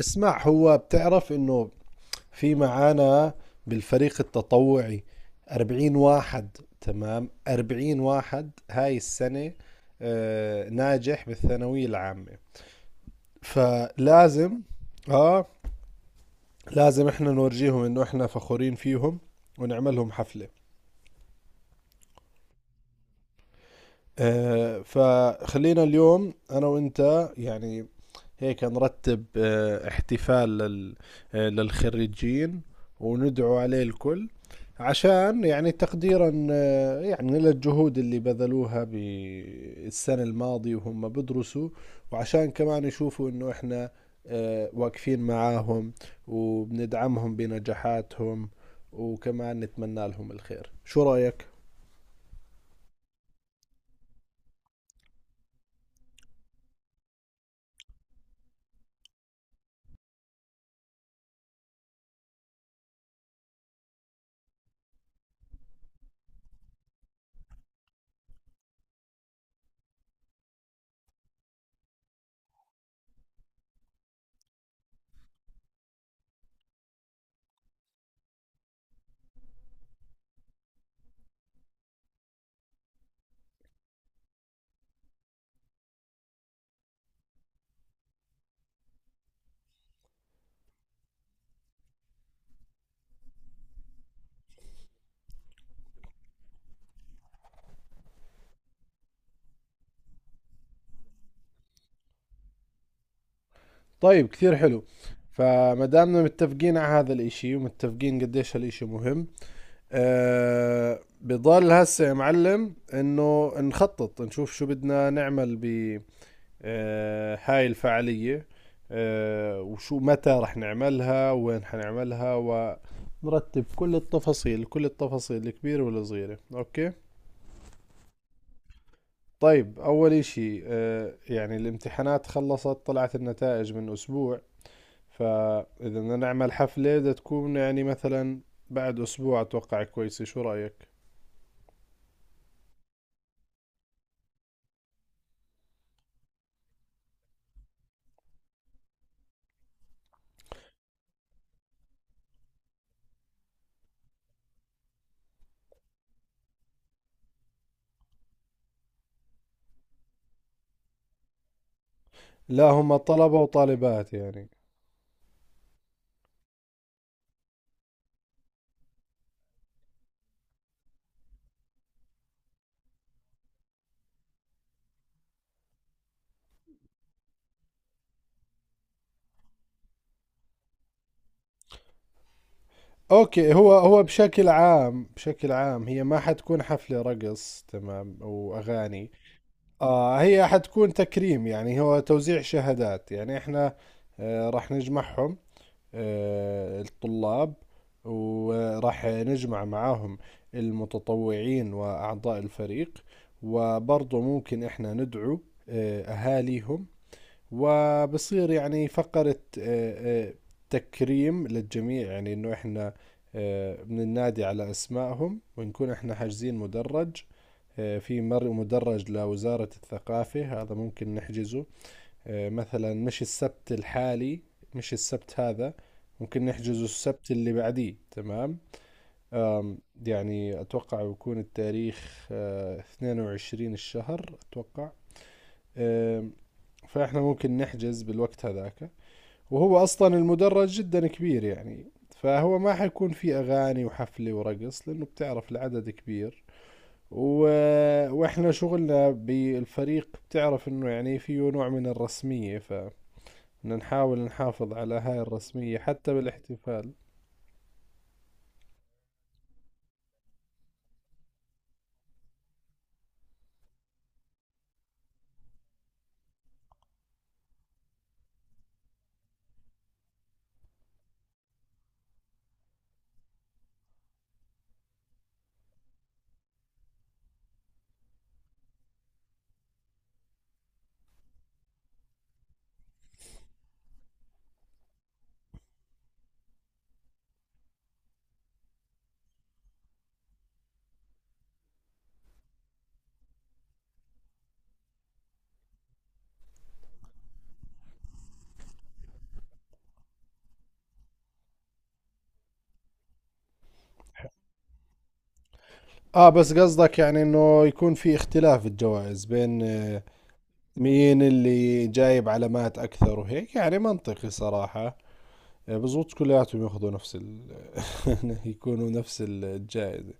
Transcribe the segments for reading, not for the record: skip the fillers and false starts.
اسمع، هو بتعرف انه في معانا بالفريق التطوعي 40 واحد؟ تمام، 40 واحد هاي السنة ناجح بالثانوية العامة. فلازم، اه لازم احنا نورجيهم انه احنا فخورين فيهم، ونعملهم حفلة. فخلينا اليوم انا وانت يعني هيك نرتب احتفال للخريجين، وندعو عليه الكل عشان يعني تقديرا يعني للجهود اللي بذلوها بالسنة الماضية وهم بدرسوا، وعشان كمان يشوفوا انه احنا واقفين معاهم، وبندعمهم بنجاحاتهم، وكمان نتمنى لهم الخير. شو رأيك؟ طيب، كثير حلو. فما دامنا متفقين على هذا الاشي، ومتفقين قديش هالاشي مهم، بضل هسه يا معلم انه نخطط، نشوف شو بدنا نعمل ب هاي الفعالية، وشو متى رح نعملها، وين حنعملها، ونرتب كل التفاصيل، كل التفاصيل الكبيرة والصغيرة. اوكي، طيب، اول اشي يعني الامتحانات خلصت، طلعت النتائج من اسبوع، فاذا بدنا نعمل حفلة بدها تكون يعني مثلا بعد اسبوع، اتوقع كويسة. شو رأيك؟ لا، هم طلبة وطالبات يعني. اوكي، هو هو بشكل عام، بشكل عام هي ما حتكون حفلة رقص، تمام، واغاني. آه، هي حتكون تكريم، يعني هو توزيع شهادات. يعني احنا آه راح نجمعهم، آه الطلاب، وراح نجمع معاهم المتطوعين واعضاء الفريق، وبرضه ممكن احنا ندعو آه اهاليهم. وبصير يعني فقرة تكريم للجميع، يعني انه احنا بننادي على اسمائهم، ونكون احنا حاجزين مدرج. في مدرج لوزارة الثقافة، هذا ممكن نحجزه مثلا مش السبت الحالي، مش السبت هذا، ممكن نحجزه السبت اللي بعديه. تمام. آم، يعني أتوقع بيكون التاريخ 22 الشهر أتوقع. آم، فإحنا ممكن نحجز بالوقت هذاك. وهو أصلا المدرج جدا كبير، يعني فهو ما حيكون في أغاني وحفلة ورقص، لأنه بتعرف العدد كبير. و... وإحنا شغلنا بالفريق بتعرف إنه يعني فيه نوع من الرسمية، فبدنا نحاول نحافظ على هاي الرسمية حتى بالاحتفال. آه، بس قصدك يعني إنه يكون في اختلاف الجوائز بين مين اللي جايب علامات أكثر وهيك؟ يعني منطقي صراحة. بزبط كلياتهم ياخذوا نفس ال يكونوا نفس الجائزة.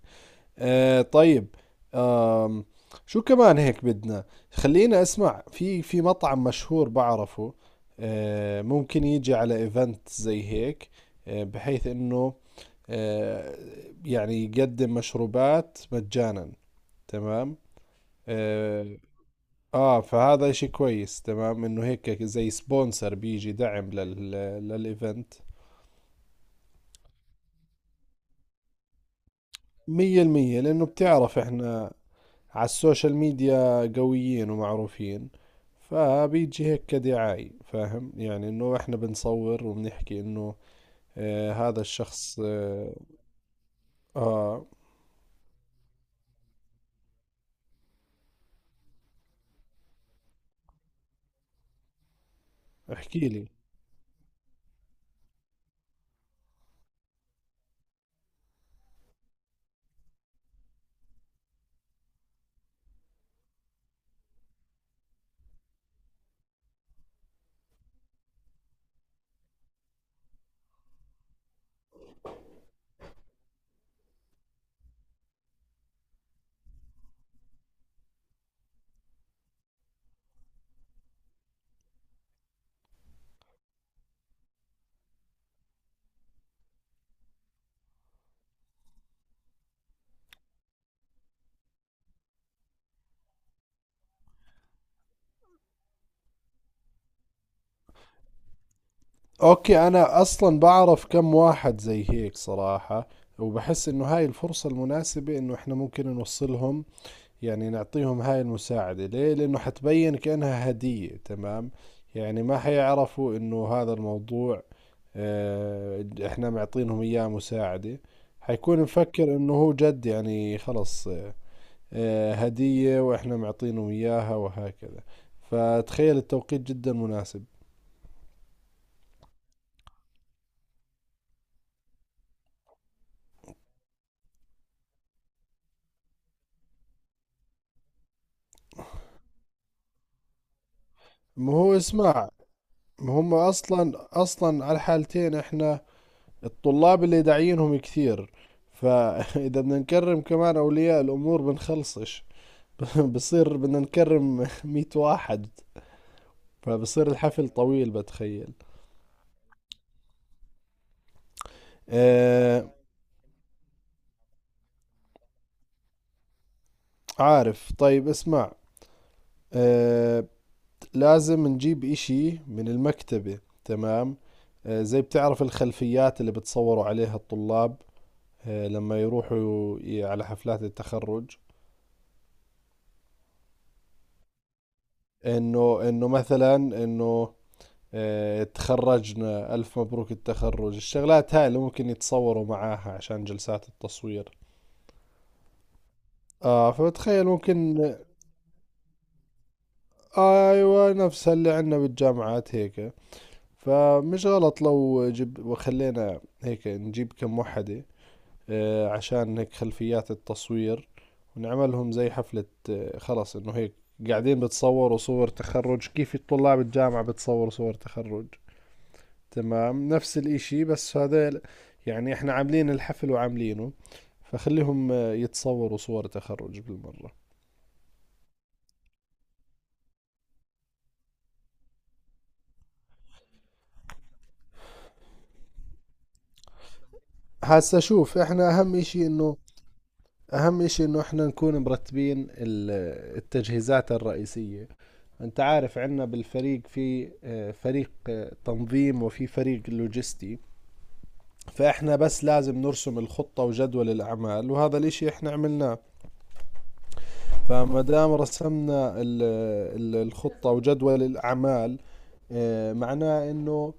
آه، طيب. آم شو كمان هيك بدنا؟ خلينا، اسمع، في مطعم مشهور بعرفه، آه ممكن يجي على ايفنت زي هيك، آه بحيث انه آه يعني يقدم مشروبات مجانا. تمام. اه, آه فهذا اشي كويس، تمام، انه هيك زي سبونسر بيجي دعم لل للايفنت. مية المية، لأنه بتعرف احنا على السوشيال ميديا قويين ومعروفين، فبيجي هيك كدعاية. فاهم؟ يعني انه احنا بنصور وبنحكي انه اه هذا الشخص اه. احكي لي. اوكي، انا اصلا بعرف كم واحد زي هيك صراحة، وبحس انه هاي الفرصة المناسبة انه احنا ممكن نوصلهم، يعني نعطيهم هاي المساعدة. ليه؟ لأنه حتبين كأنها هدية. تمام، يعني ما حيعرفوا إنه هذا الموضوع إحنا معطينهم إياه مساعدة، حيكون مفكر إنه هو جد يعني خلص هدية وإحنا معطينهم إياها، وهكذا. فتخيل التوقيت جدا مناسب. ما هو اسمع، ما هم أصلا، أصلا على الحالتين إحنا الطلاب اللي داعيينهم كثير، فإذا بدنا نكرم كمان أولياء الأمور بنخلصش. بصير بدنا نكرم مية واحد، فبصير الحفل طويل بتخيل. آه، عارف، طيب اسمع، آه لازم نجيب إشي من المكتبة. تمام، آه زي بتعرف الخلفيات اللي بتصوروا عليها الطلاب آه لما يروحوا على حفلات التخرج. إنه مثلا إنه تخرجنا، ألف مبروك التخرج، الشغلات هاي اللي ممكن يتصوروا معاها عشان جلسات التصوير. آه، فبتخيل ممكن. أيوة نفسها اللي عندنا بالجامعات هيك، فمش غلط لو جب وخلينا هيك نجيب كم وحدة آه عشان هيك خلفيات التصوير، ونعملهم زي حفلة آه خلص، إنه هيك قاعدين بتصوروا صور تخرج، كيف الطلاب الجامعة بتصوروا صور تخرج، تمام نفس الاشي، بس هذا يعني احنا عاملين الحفل وعاملينه، فخليهم يتصوروا صور تخرج بالمرة. هسا شوف، احنا اهم اشي انه احنا نكون مرتبين التجهيزات الرئيسية. انت عارف عندنا بالفريق في فريق تنظيم، وفي فريق لوجستي. فاحنا بس لازم نرسم الخطة وجدول الاعمال، وهذا الاشي احنا عملناه. فما دام رسمنا الخطة وجدول الأعمال، معناه إنه